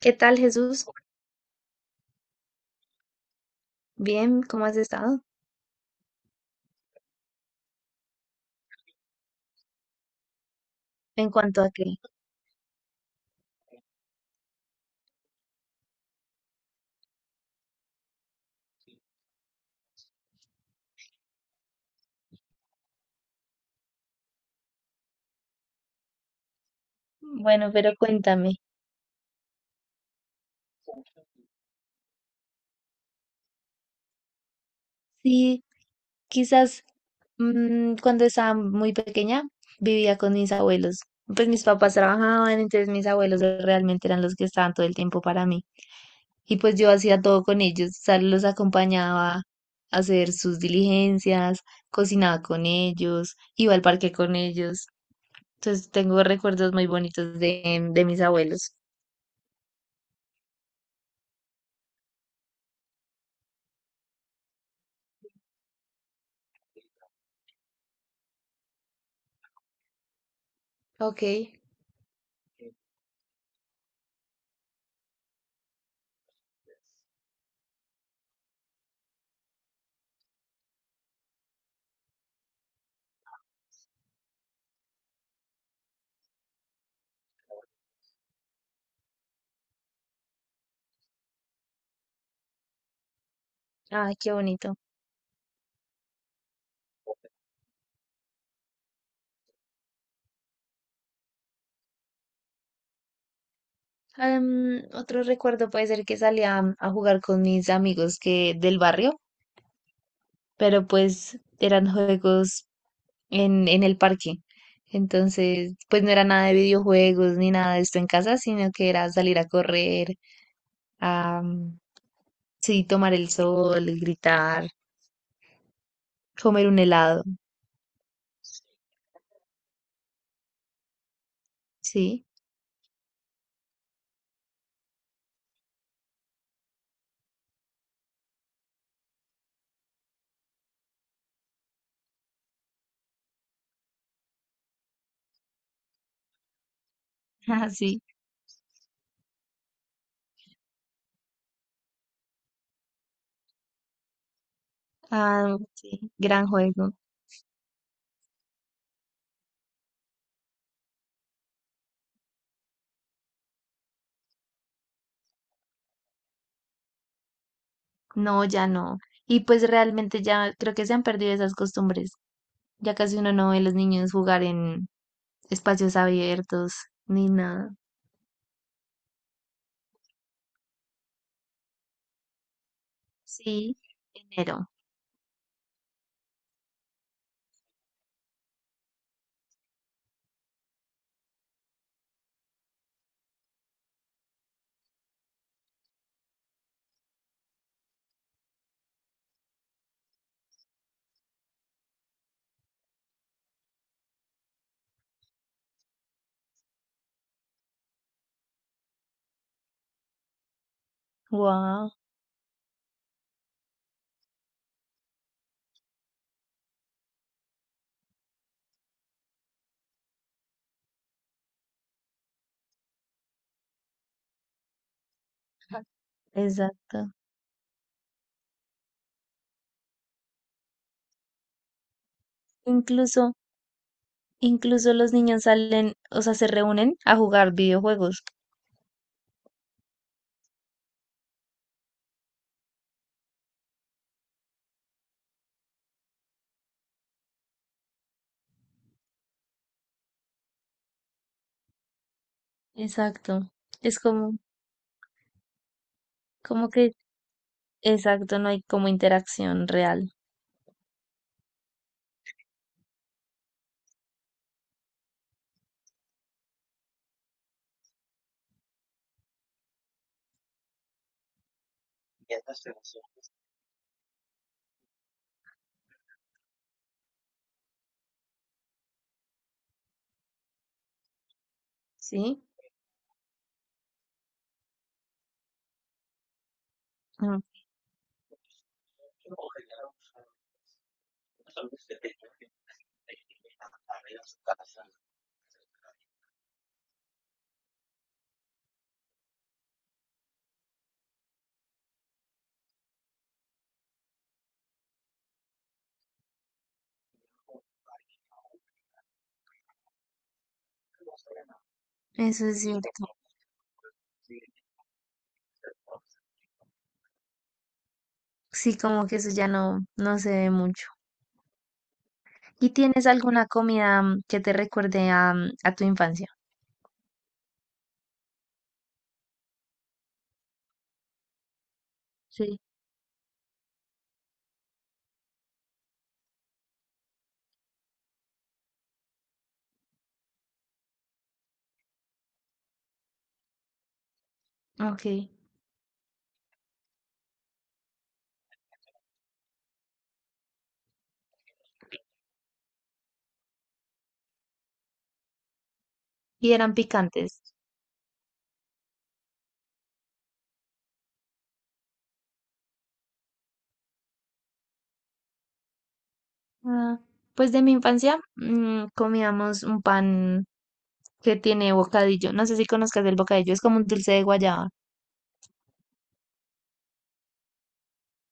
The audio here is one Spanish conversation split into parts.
¿Qué tal, Jesús? Bien, ¿cómo has estado? ¿En cuanto a qué? Bueno, pero cuéntame. Sí, quizás cuando estaba muy pequeña vivía con mis abuelos. Pues mis papás trabajaban, entonces mis abuelos realmente eran los que estaban todo el tiempo para mí. Y pues yo hacía todo con ellos, o sea, los acompañaba a hacer sus diligencias, cocinaba con ellos, iba al parque con ellos. Entonces tengo recuerdos muy bonitos de mis abuelos. Ok, ay, qué bonito. Otro recuerdo puede ser que salía a jugar con mis amigos que del barrio, pero pues eran juegos en el parque. Entonces, pues no era nada de videojuegos ni nada de esto en casa, sino que era salir a correr, a sí, tomar el sol, gritar, comer un helado, sí, ah, sí, ah, sí, gran juego. No, ya no. Y pues realmente ya creo que se han perdido esas costumbres. Ya casi uno no ve a los niños jugar en espacios abiertos ni nada. Sí, enero. Wow, exacto. Incluso, incluso los niños salen, o sea, se reúnen a jugar videojuegos. Exacto. Es como, como que, exacto, no hay como interacción real. Sí. Mm. Eso es cierto. Sí, como que eso ya no se ve mucho. ¿Y tienes alguna comida que te recuerde a, a tu infancia? Sí, ok. Y eran picantes. Ah, pues de mi infancia comíamos un pan que tiene bocadillo. No sé si conozcas el bocadillo, es como un dulce de guayaba,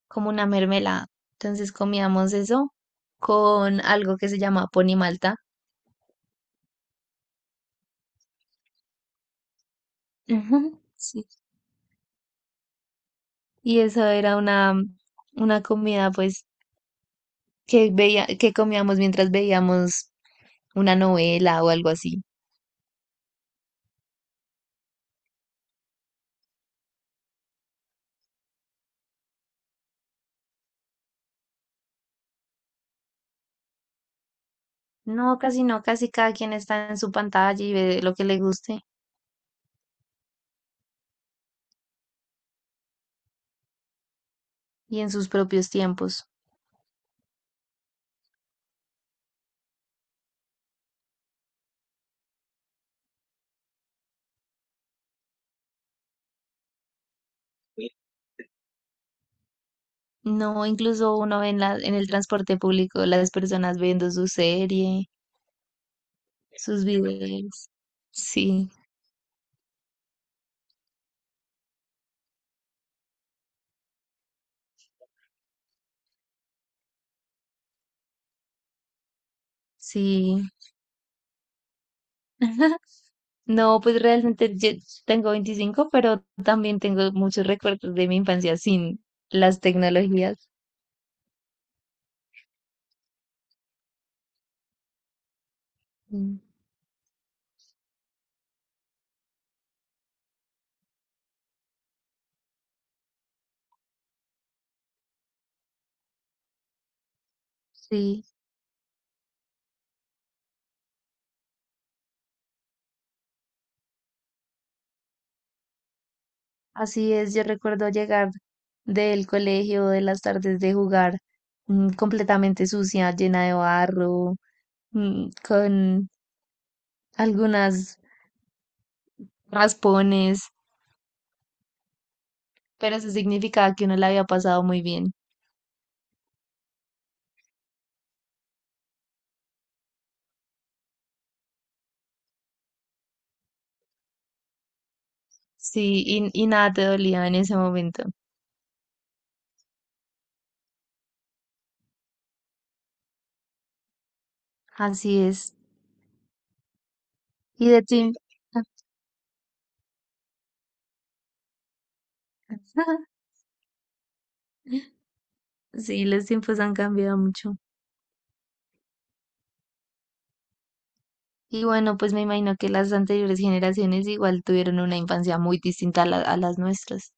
como una mermelada. Entonces comíamos eso con algo que se llama ponimalta. Ujú. Sí. Y eso era una comida pues que veía, que comíamos mientras veíamos una novela o algo así. No, casi no, casi cada quien está en su pantalla y ve lo que le guste y en sus propios tiempos. No, incluso uno ve en en el transporte público las personas viendo su serie, sus videos. Sí, sí. No, pues realmente yo tengo 25 pero también tengo muchos recuerdos de mi infancia sin las tecnologías. Mm. Sí, así es. Yo recuerdo llegar del colegio de las tardes de jugar completamente sucia, llena de barro, con algunas raspones pero eso significaba que uno la había pasado muy bien. Sí, y nada te dolía en ese momento. Así es. Y de tiempo. Sí, los tiempos han cambiado mucho. Y bueno, pues me imagino que las anteriores generaciones igual tuvieron una infancia muy distinta a, la- a las nuestras.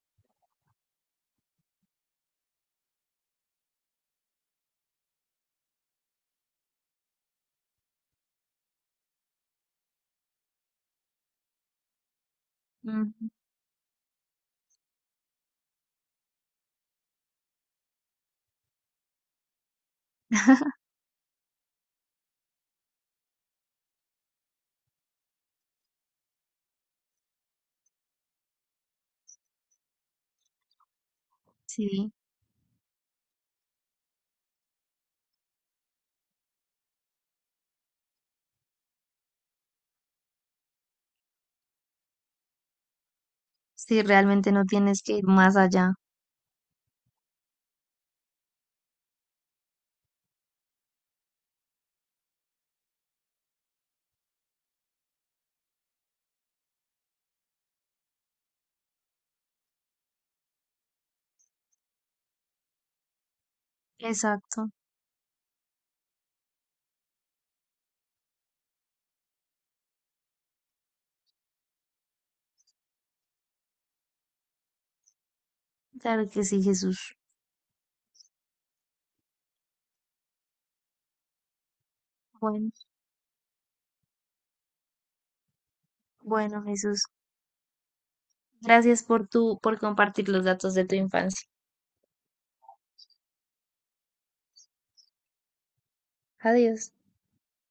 Ujú. Sí, sí, realmente no tienes que ir más allá. Exacto. Claro que sí, Jesús. Bueno, bueno, Jesús. Gracias por tu, por compartir los datos de tu infancia. Adiós.